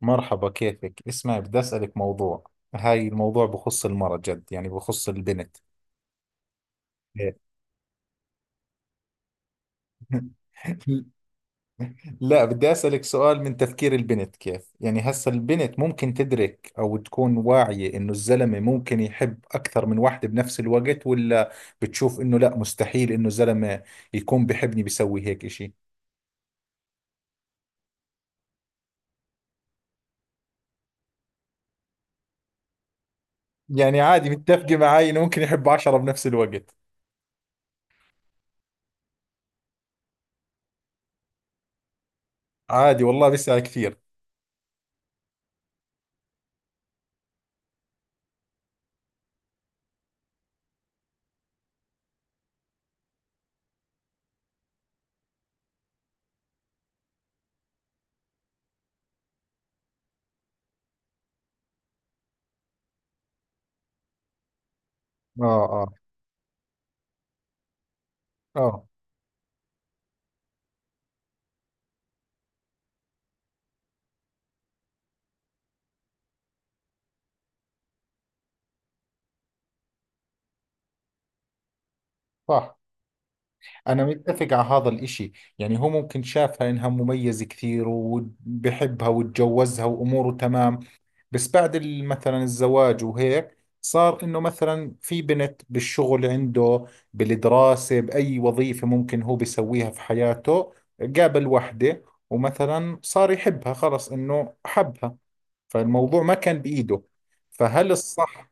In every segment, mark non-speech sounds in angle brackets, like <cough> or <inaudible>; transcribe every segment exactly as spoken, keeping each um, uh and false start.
مرحبا، كيفك؟ اسمع، بدي أسألك موضوع. هاي الموضوع بخص المرأة، جد يعني بخص البنت. إيه. <laughs> لا، بدي أسألك سؤال. من تفكير البنت كيف يعني هسا البنت ممكن تدرك أو تكون واعية إنه الزلمة ممكن يحب أكثر من واحدة بنفس الوقت، ولا بتشوف إنه لا، مستحيل إنه زلمة يكون بحبني بيسوي هيك إشي؟ يعني عادي؟ متفقة معاي إنه ممكن يحب عشرة بنفس الوقت؟ عادي والله، بيسأل كثير. آه، آه. آه صح. أنا متفق على هذا الإشي. يعني هو ممكن شافها إنها مميزة كثير وبحبها وتجوزها وأموره تمام، بس بعد ال- مثلا الزواج وهيك، صار إنه مثلا في بنت بالشغل عنده، بالدراسة، بأي وظيفة ممكن هو بيسويها في حياته، قابل وحدة ومثلا صار يحبها، خلص إنه حبها، فالموضوع ما كان بإيده. فهل الصح؟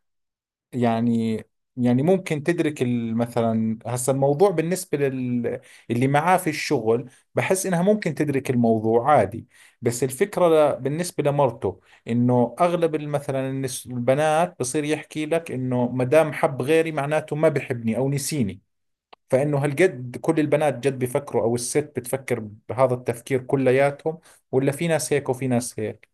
يعني يعني ممكن تدرك ال- مثلا هسا الموضوع بالنسبة لل اللي معاه في الشغل، بحس انها ممكن تدرك الموضوع عادي. بس الفكرة، ل... بالنسبة لمرته، انه اغلب ال- مثلا، النس... البنات بصير يحكي لك انه ما دام حب غيري معناته ما بحبني او نسيني. فانه هالقد كل البنات جد بيفكروا، او الست بتفكر بهذا التفكير كلياتهم، ولا في ناس هيك وفي ناس هيك؟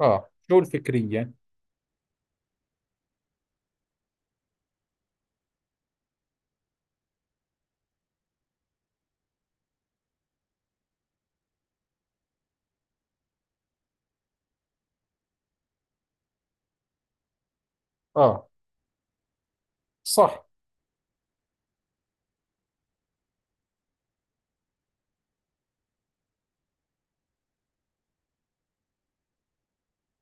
اه، شو الفكرية؟ اه صح.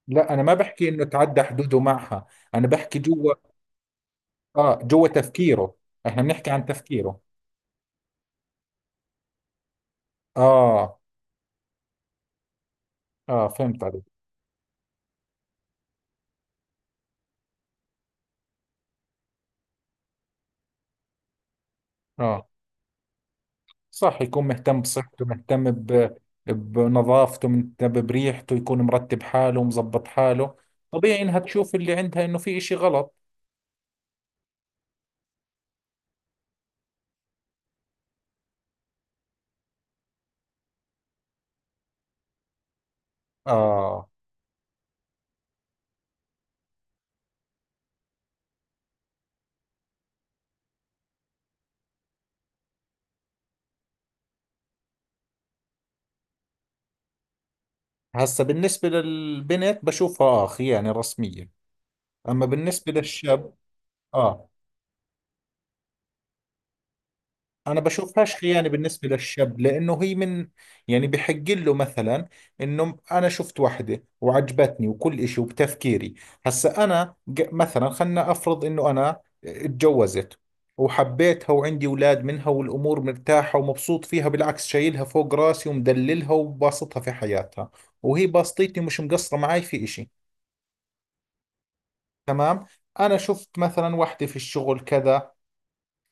لا انا ما بحكي انه تعدى حدوده معها، انا بحكي جوا. اه، جوا تفكيره. احنا بنحكي عن تفكيره. اه اه، فهمت عليك. اه صح، يكون مهتم بصحته، مهتم ب... بنظافته، مهتم بريحته، يكون مرتب حاله ومظبط حاله. طبيعي انها تشوف اللي عندها انه في اشي غلط. اه. هسا بالنسبة للبنت بشوفها اخ يعني رسمية، اما بالنسبة للشاب، اه انا بشوفهاش خيانه بالنسبه للشاب، لانه هي من، يعني بحق له. مثلا انه انا شفت وحده وعجبتني وكل إشي، وبتفكيري. هسا انا ج- مثلا خلنا افرض انه انا اتجوزت وحبيتها وعندي اولاد منها والامور مرتاحه ومبسوط فيها، بالعكس شايلها فوق راسي ومدللها وباسطها في حياتها، وهي باسطتني، مش مقصره معي في إشي. تمام. انا شفت مثلا وحده في الشغل كذا،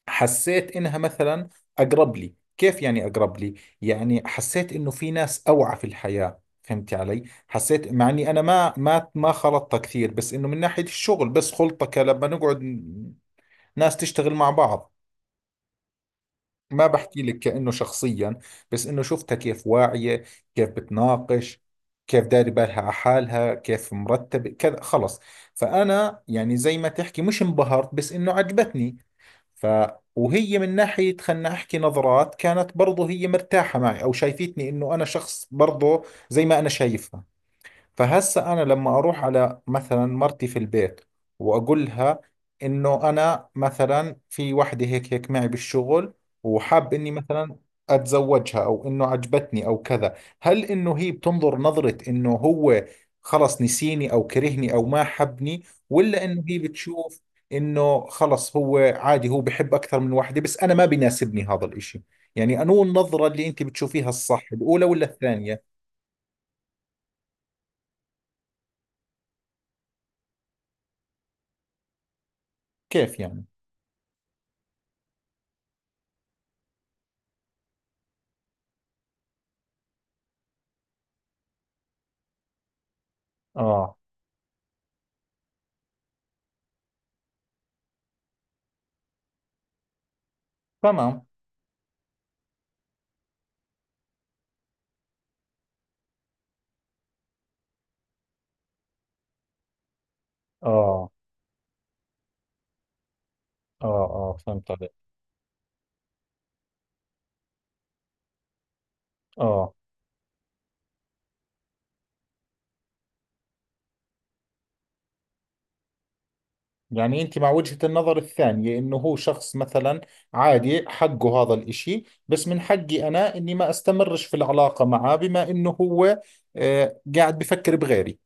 حسيت إنها مثلا أقرب لي. كيف يعني أقرب لي؟ يعني حسيت إنه في ناس أوعى في الحياة، فهمتي علي؟ حسيت مع إني أنا ما ما ما خلطت كثير، بس إنه من ناحية الشغل بس، خلطة ك- لما نقعد ن- ناس تشتغل مع بعض. ما بحكي لك كأنه شخصيا، بس إنه شفتها كيف واعية، كيف بتناقش، كيف داري بالها على حالها، كيف مرتبة كذا، خلص. فأنا يعني زي ما تحكي، مش انبهرت بس إنه عجبتني. ف، وهي من ناحية، خلنا أحكي، نظرات كانت برضو هي مرتاحة معي، أو شايفتني إنه أنا شخص برضو زي ما أنا شايفها. فهسا انا لما اروح على مثلا مرتي في البيت واقولها انه انا مثلا في وحده هيك هيك معي بالشغل، وحاب اني مثلا اتزوجها، او انه عجبتني او كذا، هل انه هي بتنظر نظرة انه هو خلص نسيني او كرهني او ما حبني؟ ولا انه هي بتشوف انه خلص هو عادي، هو بحب اكثر من وحده، بس انا ما بيناسبني هذا الاشي؟ يعني انو النظرة اللي انت بتشوفيها الصح، الاولى ولا الثانية؟ كيف يعني؟ اه تمام. اه اه. اه، فهمت عليك. اه، يعني انت مع وجهة النظر الثانية، انه هو شخص مثلا عادي، حقه هذا الاشي، بس من حقي انا اني ما استمرش في العلاقة معه، بما انه هو آه، قاعد بفكر بغيري.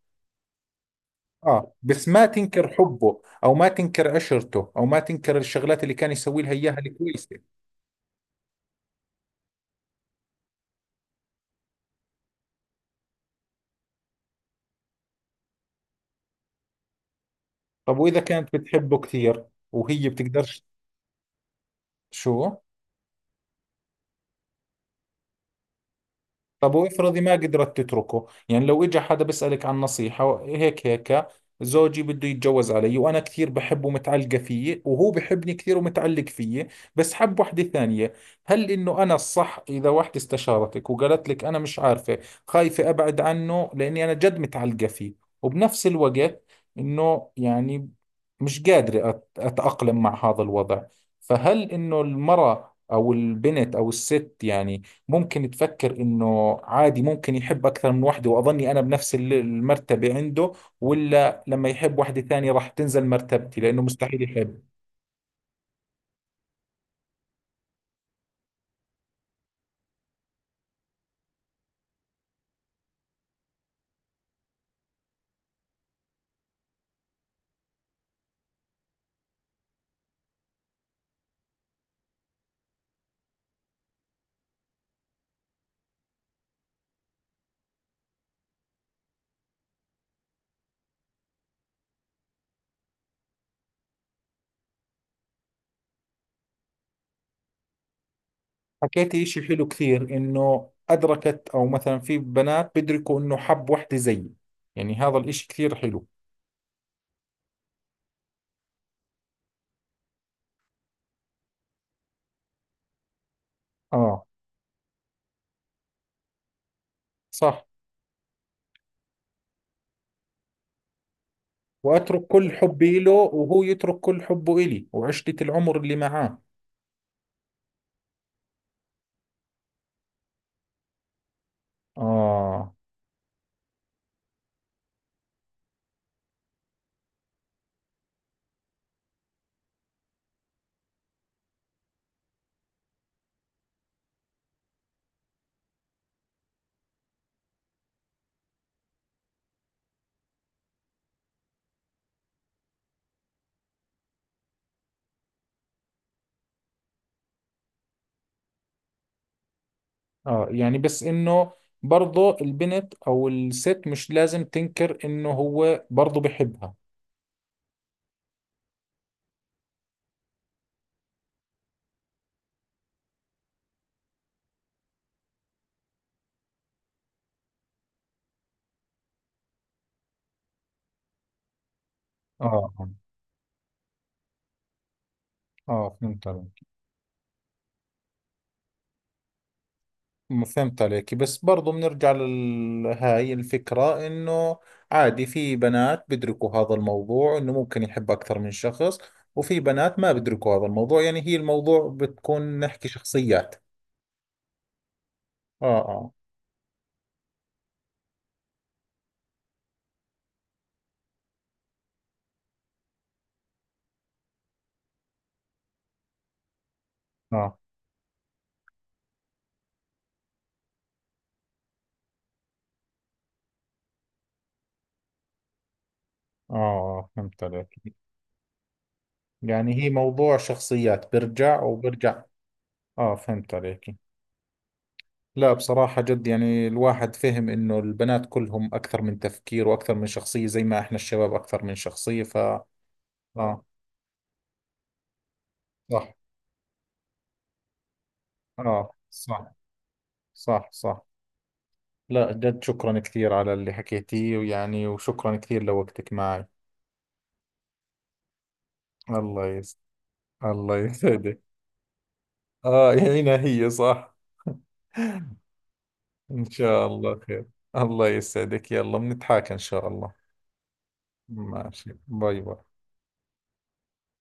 اه، بس ما تنكر حبه، او ما تنكر عشرته، او ما تنكر الشغلات اللي كان يسوي لها اياها الكويسة. طب واذا كانت بتحبه كثير، وهي بتقدرش؟ شو؟ طب وافرضي ما قدرت تتركه، يعني لو اجى حدا بيسألك عن نصيحة، هيك هيك، زوجي بده يتجوز علي، وانا كثير بحبه ومتعلقة فيه، وهو بحبني كثير ومتعلق فيه، بس حب وحدة ثانية. هل انه انا الصح؟ اذا وحدة استشارتك وقالت لك انا مش عارفة، خايفة ابعد عنه لاني انا جد متعلقة فيه، وبنفس الوقت انه يعني مش قادرة أت- اتأقلم مع هذا الوضع. فهل انه المرأة او البنت او الست يعني ممكن تفكر انه عادي ممكن يحب اكثر من واحدة، واظني انا بنفس ال- المرتبة عنده؟ ولا لما يحب واحدة ثانية راح تنزل مرتبتي، لانه مستحيل يحب؟ حكيتي اشي حلو كثير، انه ادركت، او مثلا في بنات بيدركوا انه حب واحدة زيي. يعني هذا الاشي كثير حلو. اه صح. واترك كل حبي له، وهو يترك كل حبه الي وعشرة العمر اللي معاه. اه اه، يعني بس انه برضه البنت او الست مش لازم تنكر انه هو برضه بحبها. اه اه. آه، فهمت عليك. م- فهمت عليك. بس برضه بنرجع لهاي الفكرة، انه عادي، في بنات بيدركوا هذا الموضوع انه ممكن يحب اكثر من شخص، وفي بنات ما بيدركوا هذا الموضوع. يعني هي الموضوع بتكون نحكي شخصيات. اه اه. اه اه. آه، فهمت عليك. يعني هي موضوع شخصيات، برجع وبرجع. اه، فهمت عليك. لا بصراحة جد، يعني الواحد فهم إنه البنات كلهم أكثر من تفكير وأكثر من شخصية، زي ما إحنا الشباب أكثر من شخصية. ف آه صح. آه صح. صح صح. لا جد، شكرا كثير على اللي حكيتيه، ويعني وشكرا كثير لوقتك معي. الله يس، الله يسعدك. آه، هنا هي صح. <laughs> إن شاء الله خير. الله يسعدك، يلا بنتحاكى إن شاء الله. ماشي، باي باي.